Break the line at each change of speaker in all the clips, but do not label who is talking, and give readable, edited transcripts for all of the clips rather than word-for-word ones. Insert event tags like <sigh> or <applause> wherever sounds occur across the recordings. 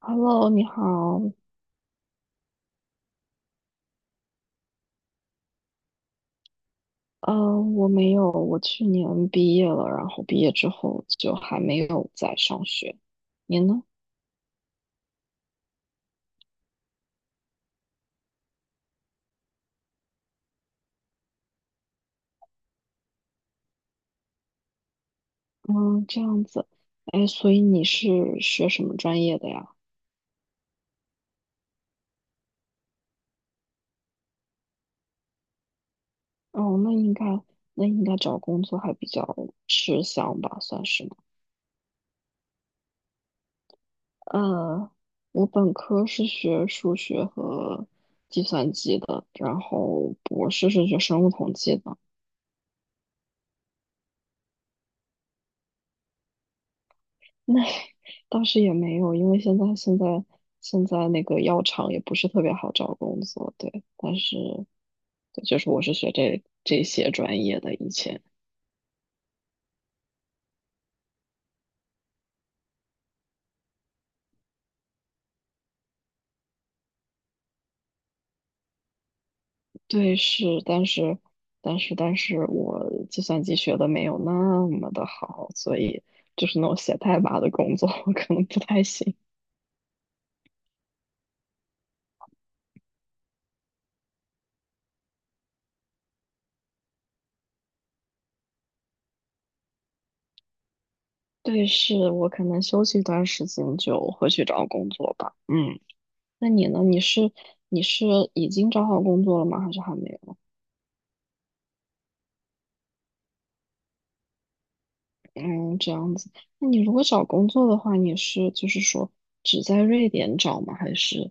Hello，你好。嗯，我没有，我去年毕业了，然后毕业之后就还没有在上学。你呢？嗯，这样子。哎，所以你是学什么专业的呀？哦，那应该，那应该找工作还比较吃香吧，算是吗？呃，我本科是学数学和计算机的，然后博士是学生物统计的。那 <laughs> 倒是也没有，因为现在那个药厂也不是特别好找工作，对。但是对就是我是学这些专业的，以前对是，但是但是我计算机学的没有那么的好，所以就是那种写代码的工作 <laughs>，我可能不太行。对，是我可能休息一段时间就会去找工作吧。嗯，那你呢？你是已经找好工作了吗？还是还没有？嗯，这样子。那你如果找工作的话，你是就是说只在瑞典找吗？还是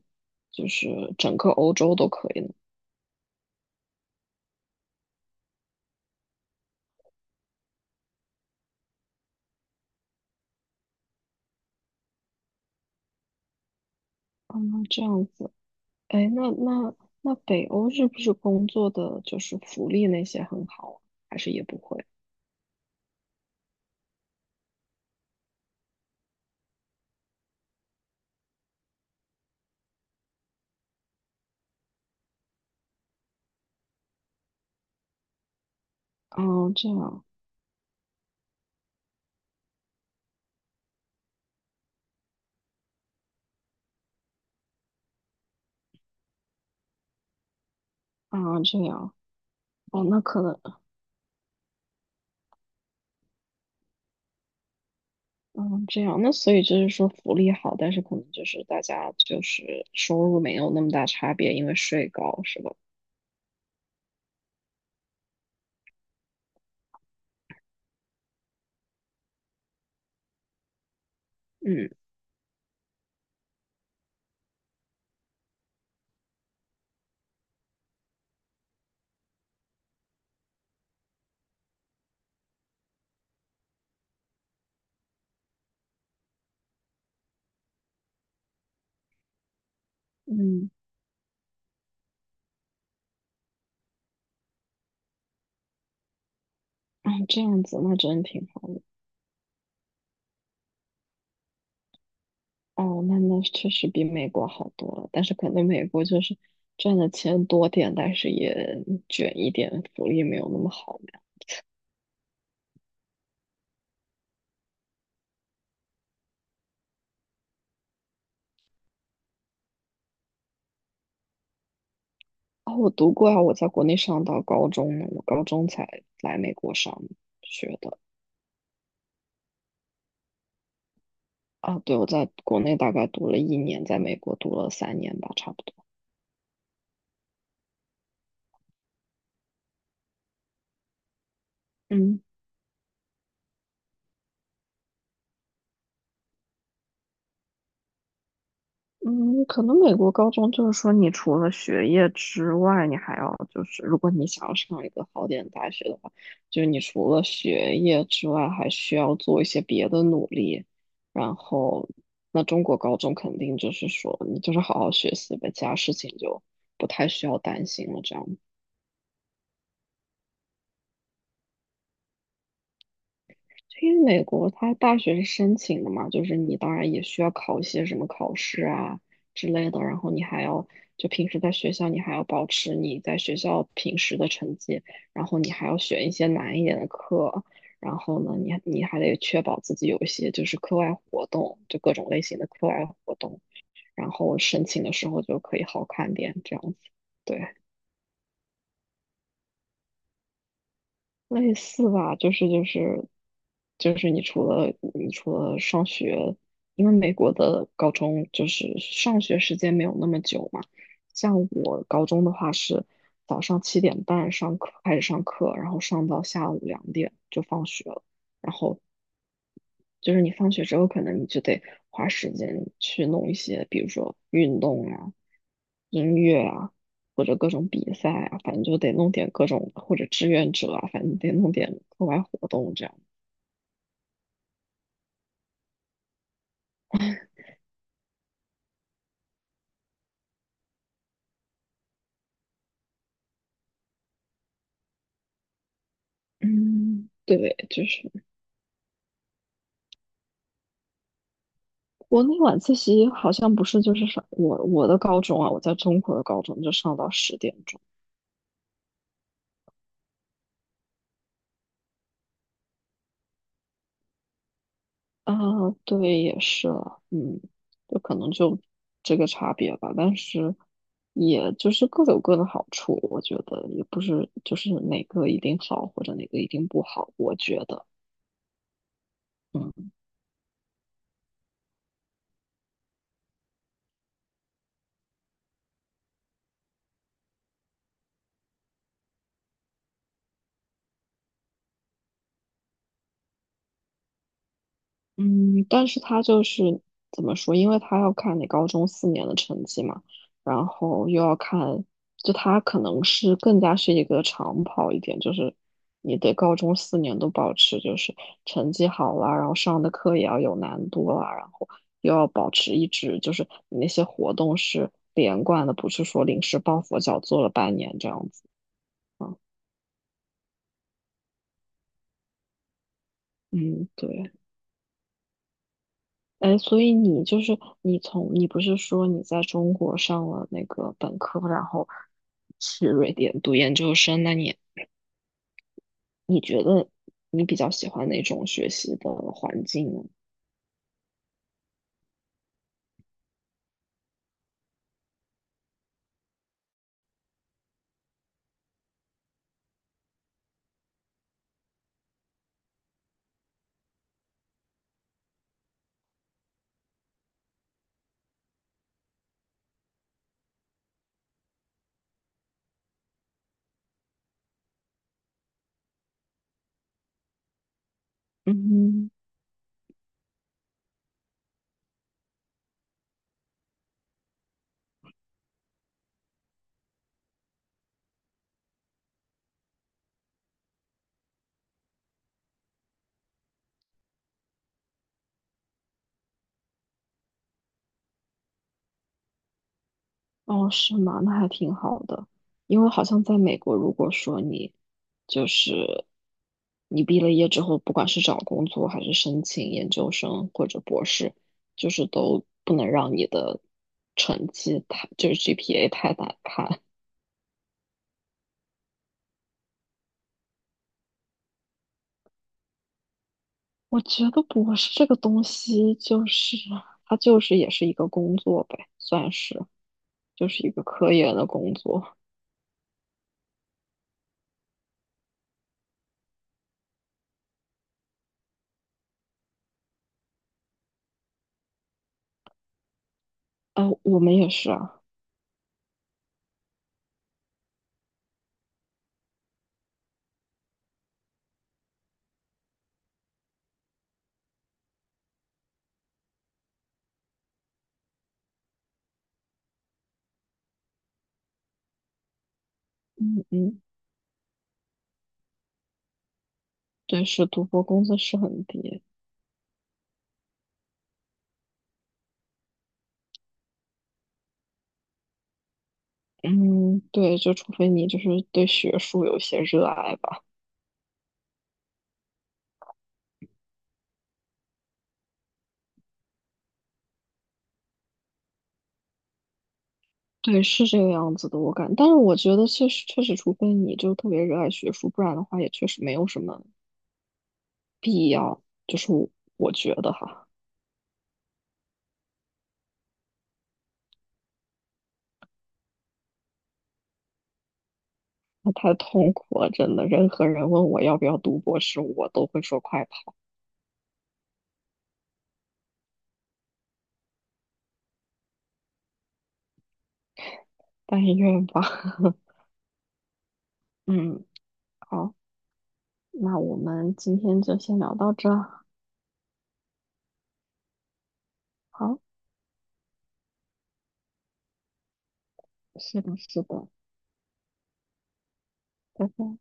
就是整个欧洲都可以呢？嗯，这样子。哎，那那北欧是不是工作的就是福利那些很好啊？还是也不会？哦，这样啊，这样哦，那可能嗯，这样那所以就是说福利好，但是可能就是大家就是收入没有那么大差别，因为税高是吧？嗯嗯，啊，这样子那真挺好的。哦，那确实比美国好多了，但是可能美国就是赚的钱多点，但是也卷一点，福利没有那么好嘛。啊、我读过啊，我在国内上到高中呢，我高中才来美国上学的。啊，对，我在国内大概读了一年，在美国读了三年吧，差不多。嗯。嗯，可能美国高中就是说，你除了学业之外，你还要就是，如果你想要上一个好点的大学的话，就是你除了学业之外，还需要做一些别的努力。然后，那中国高中肯定就是说，你就是好好学习呗，其他事情就不太需要担心了，这样因为美国它大学是申请的嘛，就是你当然也需要考一些什么考试啊之类的，然后你还要就平时在学校你还要保持你在学校平时的成绩，然后你还要选一些难一点的课，然后呢你还得确保自己有一些就是课外活动，就各种类型的课外活动，然后申请的时候就可以好看点这样子，对。类似吧，就是你除了你除了上学，因为美国的高中就是上学时间没有那么久嘛。像我高中的话是早上七点半上课开始上课，然后上到下午两点就放学了。然后就是你放学之后，可能你就得花时间去弄一些，比如说运动啊、音乐啊，或者各种比赛啊，反正就得弄点各种或者志愿者啊，反正得弄点课外活动这样。嗯，对，就是国内晚自习好像不是，就是上我的高中啊，我在中国的高中就上到十点钟啊，对，也是了嗯，就可能就这个差别吧，但是也就是各有各的好处，我觉得也不是就是哪个一定好或者哪个一定不好，我觉得，嗯。嗯，但是他就是怎么说？因为他要看你高中四年的成绩嘛，然后又要看，就他可能是更加是一个长跑一点，就是你得高中四年都保持就是成绩好啦，然后上的课也要有难度啦，然后又要保持一直就是你那些活动是连贯的，不是说临时抱佛脚做了半年这样子啊。嗯，对。哎，所以你就是你从你不是说你在中国上了那个本科，然后去瑞典读研究生，那你你觉得你比较喜欢哪种学习的环境呢？嗯，哦，是吗？那还挺好的，因为好像在美国，如果说你就是你毕了业之后，不管是找工作还是申请研究生或者博士，就是都不能让你的成绩太，就是 GPA 太难看。我觉得博士这个东西，就是它就是也是一个工作呗，算是就是一个科研的工作。啊、我们也是啊，嗯嗯，对，是读博工资是很低，嗯，对，就除非你就是对学术有些热爱吧，对，是这个样子的，我感，但是我觉得确实确实，除非你就特别热爱学术，不然的话也确实没有什么，就是我觉得哈。那太痛苦了，真的。任何人问我要不要读博士，我都会说快跑。但愿吧。<laughs> 嗯，好，那我们今天就先聊到这儿好，是的，是的，拜拜。